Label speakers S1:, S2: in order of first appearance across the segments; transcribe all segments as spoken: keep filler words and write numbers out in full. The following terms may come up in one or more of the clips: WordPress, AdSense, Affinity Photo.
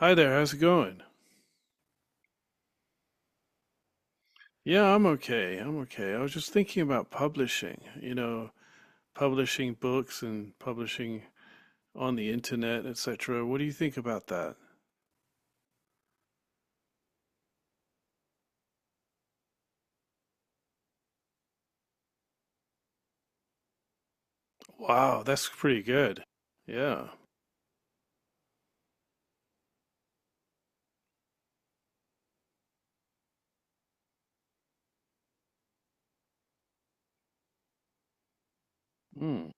S1: Hi there, how's it going? Yeah, I'm okay. I'm okay. I was just thinking about publishing, you know, publishing books and publishing on the internet, et cetera. What do you think about that? Wow, that's pretty good. Yeah. Hmm.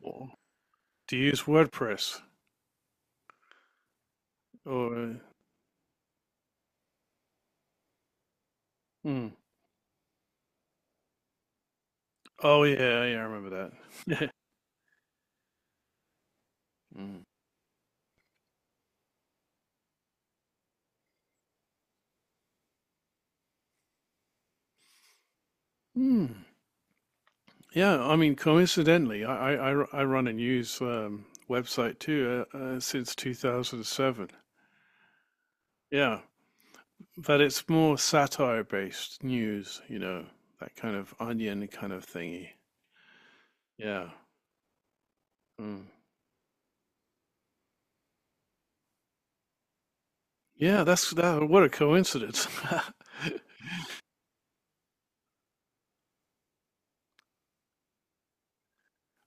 S1: Well, do you use WordPress or mm. Oh yeah, yeah, I remember that. Mm. Hmm. Yeah, I mean, coincidentally, I, I, I ru- I run a news um, website too uh, uh, since two thousand seven. Yeah. But it's more satire based news, you know, that kind of onion kind of thingy. Yeah. Mm. Yeah, that's that. What a coincidence.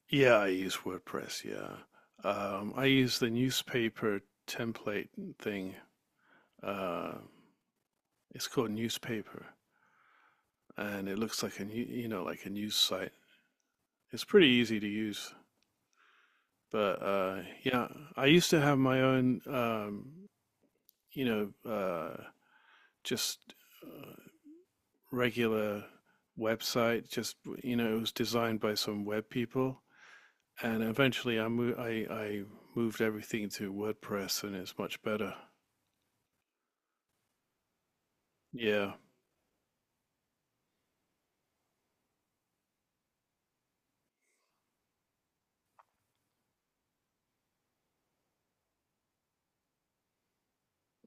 S1: Yeah, I use WordPress. Yeah. Um, I use the newspaper template thing. Uh, it's called newspaper and it looks like a new, you know, like a news site. It's pretty easy to use. But uh, yeah, I used to have my own, um, you know, uh, just uh, regular website. Just you know, it was designed by some web people, and eventually I moved. I I moved everything to WordPress, and it's much better. Yeah.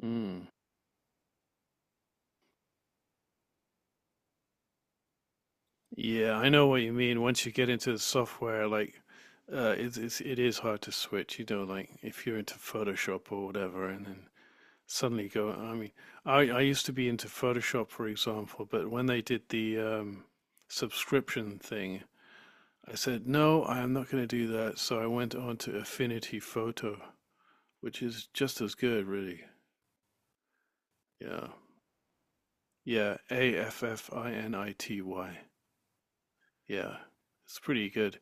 S1: Mm. Yeah, I know what you mean. Once you get into the software, like uh, it's, it's it is hard to switch. You know, like if you're into Photoshop or whatever, and then suddenly go. I mean, I I used to be into Photoshop, for example, but when they did the um, subscription thing, I said, no, I'm not going to do that. So I went on to Affinity Photo, which is just as good, really. Yeah. Yeah. A F F I N I T Y. Yeah. It's pretty good.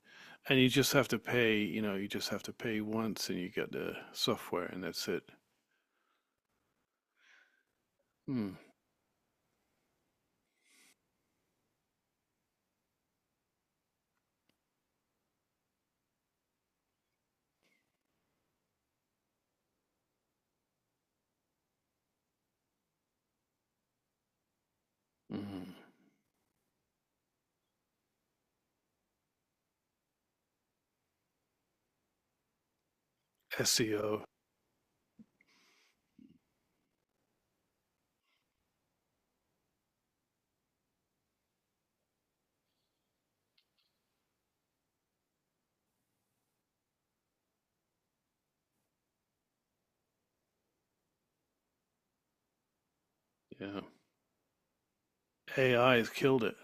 S1: And you just have to pay, you know, you just have to pay once and you get the software and that's it. Mm. Mm. S E O. Yeah. A I has killed it.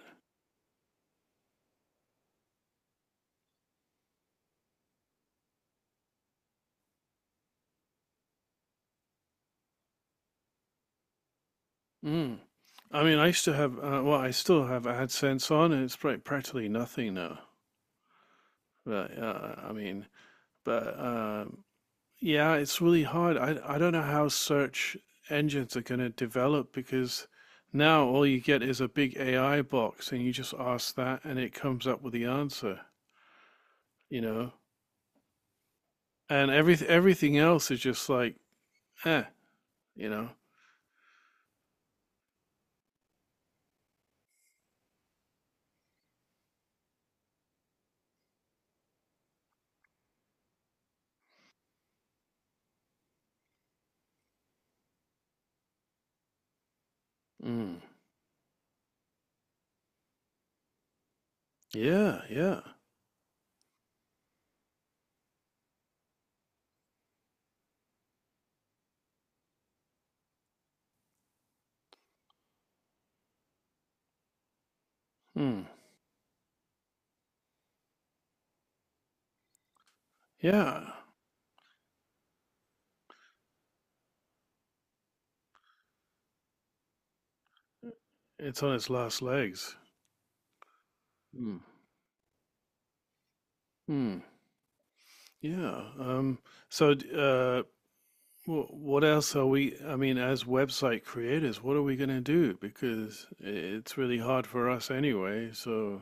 S1: Mm. I mean, I used to have, uh, well, I still have AdSense on and it's like, practically nothing now. But, uh, I mean, but um, yeah, it's really hard. I I don't know how search engines are going to develop because now all you get is a big A I box and you just ask that and it comes up with the answer, you know. And every everything else is just like, eh, you know. Mm, yeah, yeah. Mm, yeah. It's on its last legs. Mm, mm, yeah. Um, so d- uh, Well, what else are we, I mean, as website creators, what are we going to do? Because i- it's really hard for us anyway. So,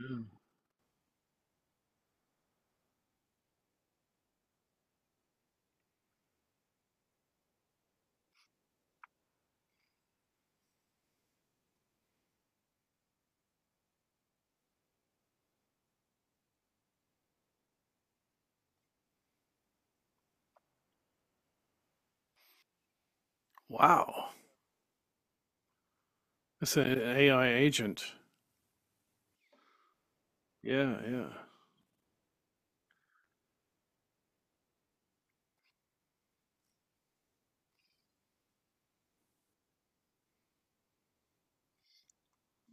S1: yeah. Wow. It's an A I agent. Yeah, yeah.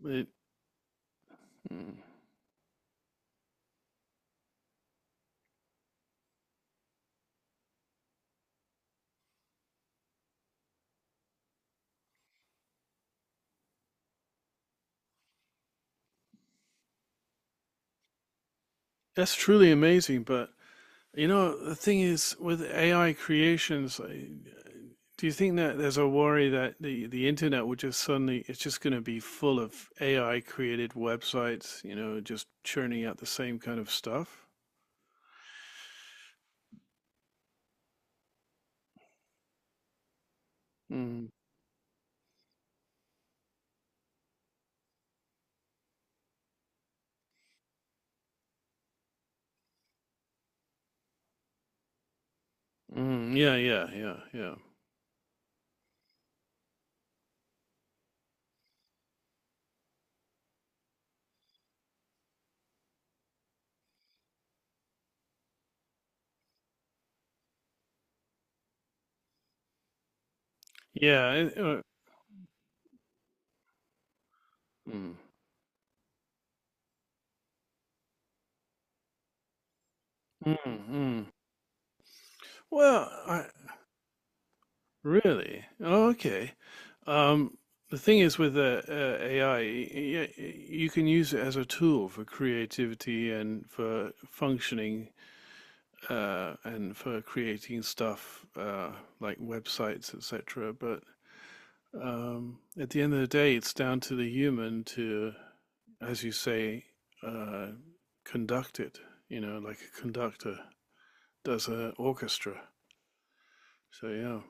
S1: It, mm. That's truly amazing. But, you know, the thing is with A I creations, I- do you think that there's a worry that the, the internet will just suddenly, it's just going to be full of A I created websites, you know, just churning out the same kind of stuff? Mm. Mm, yeah, yeah, yeah, yeah, yeah. it- uh, mm, mm, mm. Well, I, really? Oh, okay. Um, the thing is with uh, uh, A I, you can use it as a tool for creativity and for functioning uh, and for creating stuff uh, like websites, et cetera. But Um, at the end of the day, it's down to the human to, as you say, uh, conduct it, you know, like a conductor does an orchestra. So, yeah.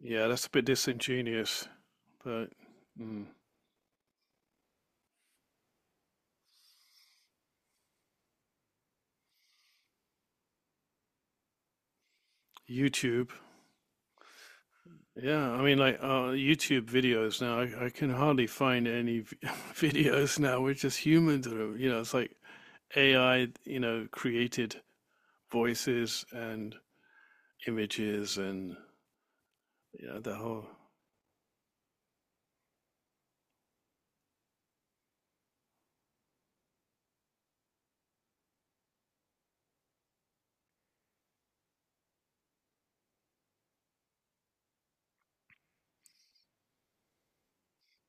S1: Yeah, that's a bit disingenuous, but mm, YouTube. Yeah, I mean, like uh, YouTube videos now, I, I can hardly find any v- videos now. We're just humans, you know, it's like A I, you know, created voices and images and, you know, the whole.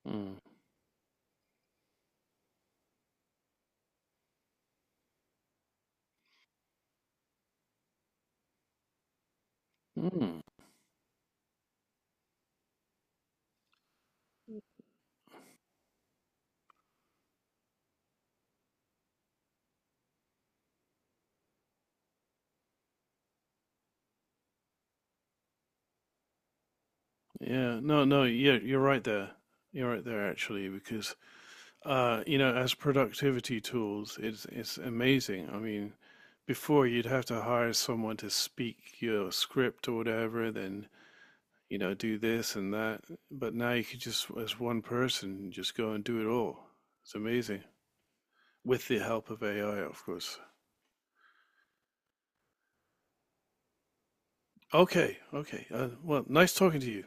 S1: Mm. Mm. Yeah. No, no, yeah, you're right there. You're right there actually, because uh, you know, as productivity tools, it's it's amazing. I mean, before you'd have to hire someone to speak your script or whatever, then you know, do this and that. But now you could just, as one person, just go and do it all. It's amazing. With the help of A I, of course. Okay, okay. Uh, well, nice talking to you.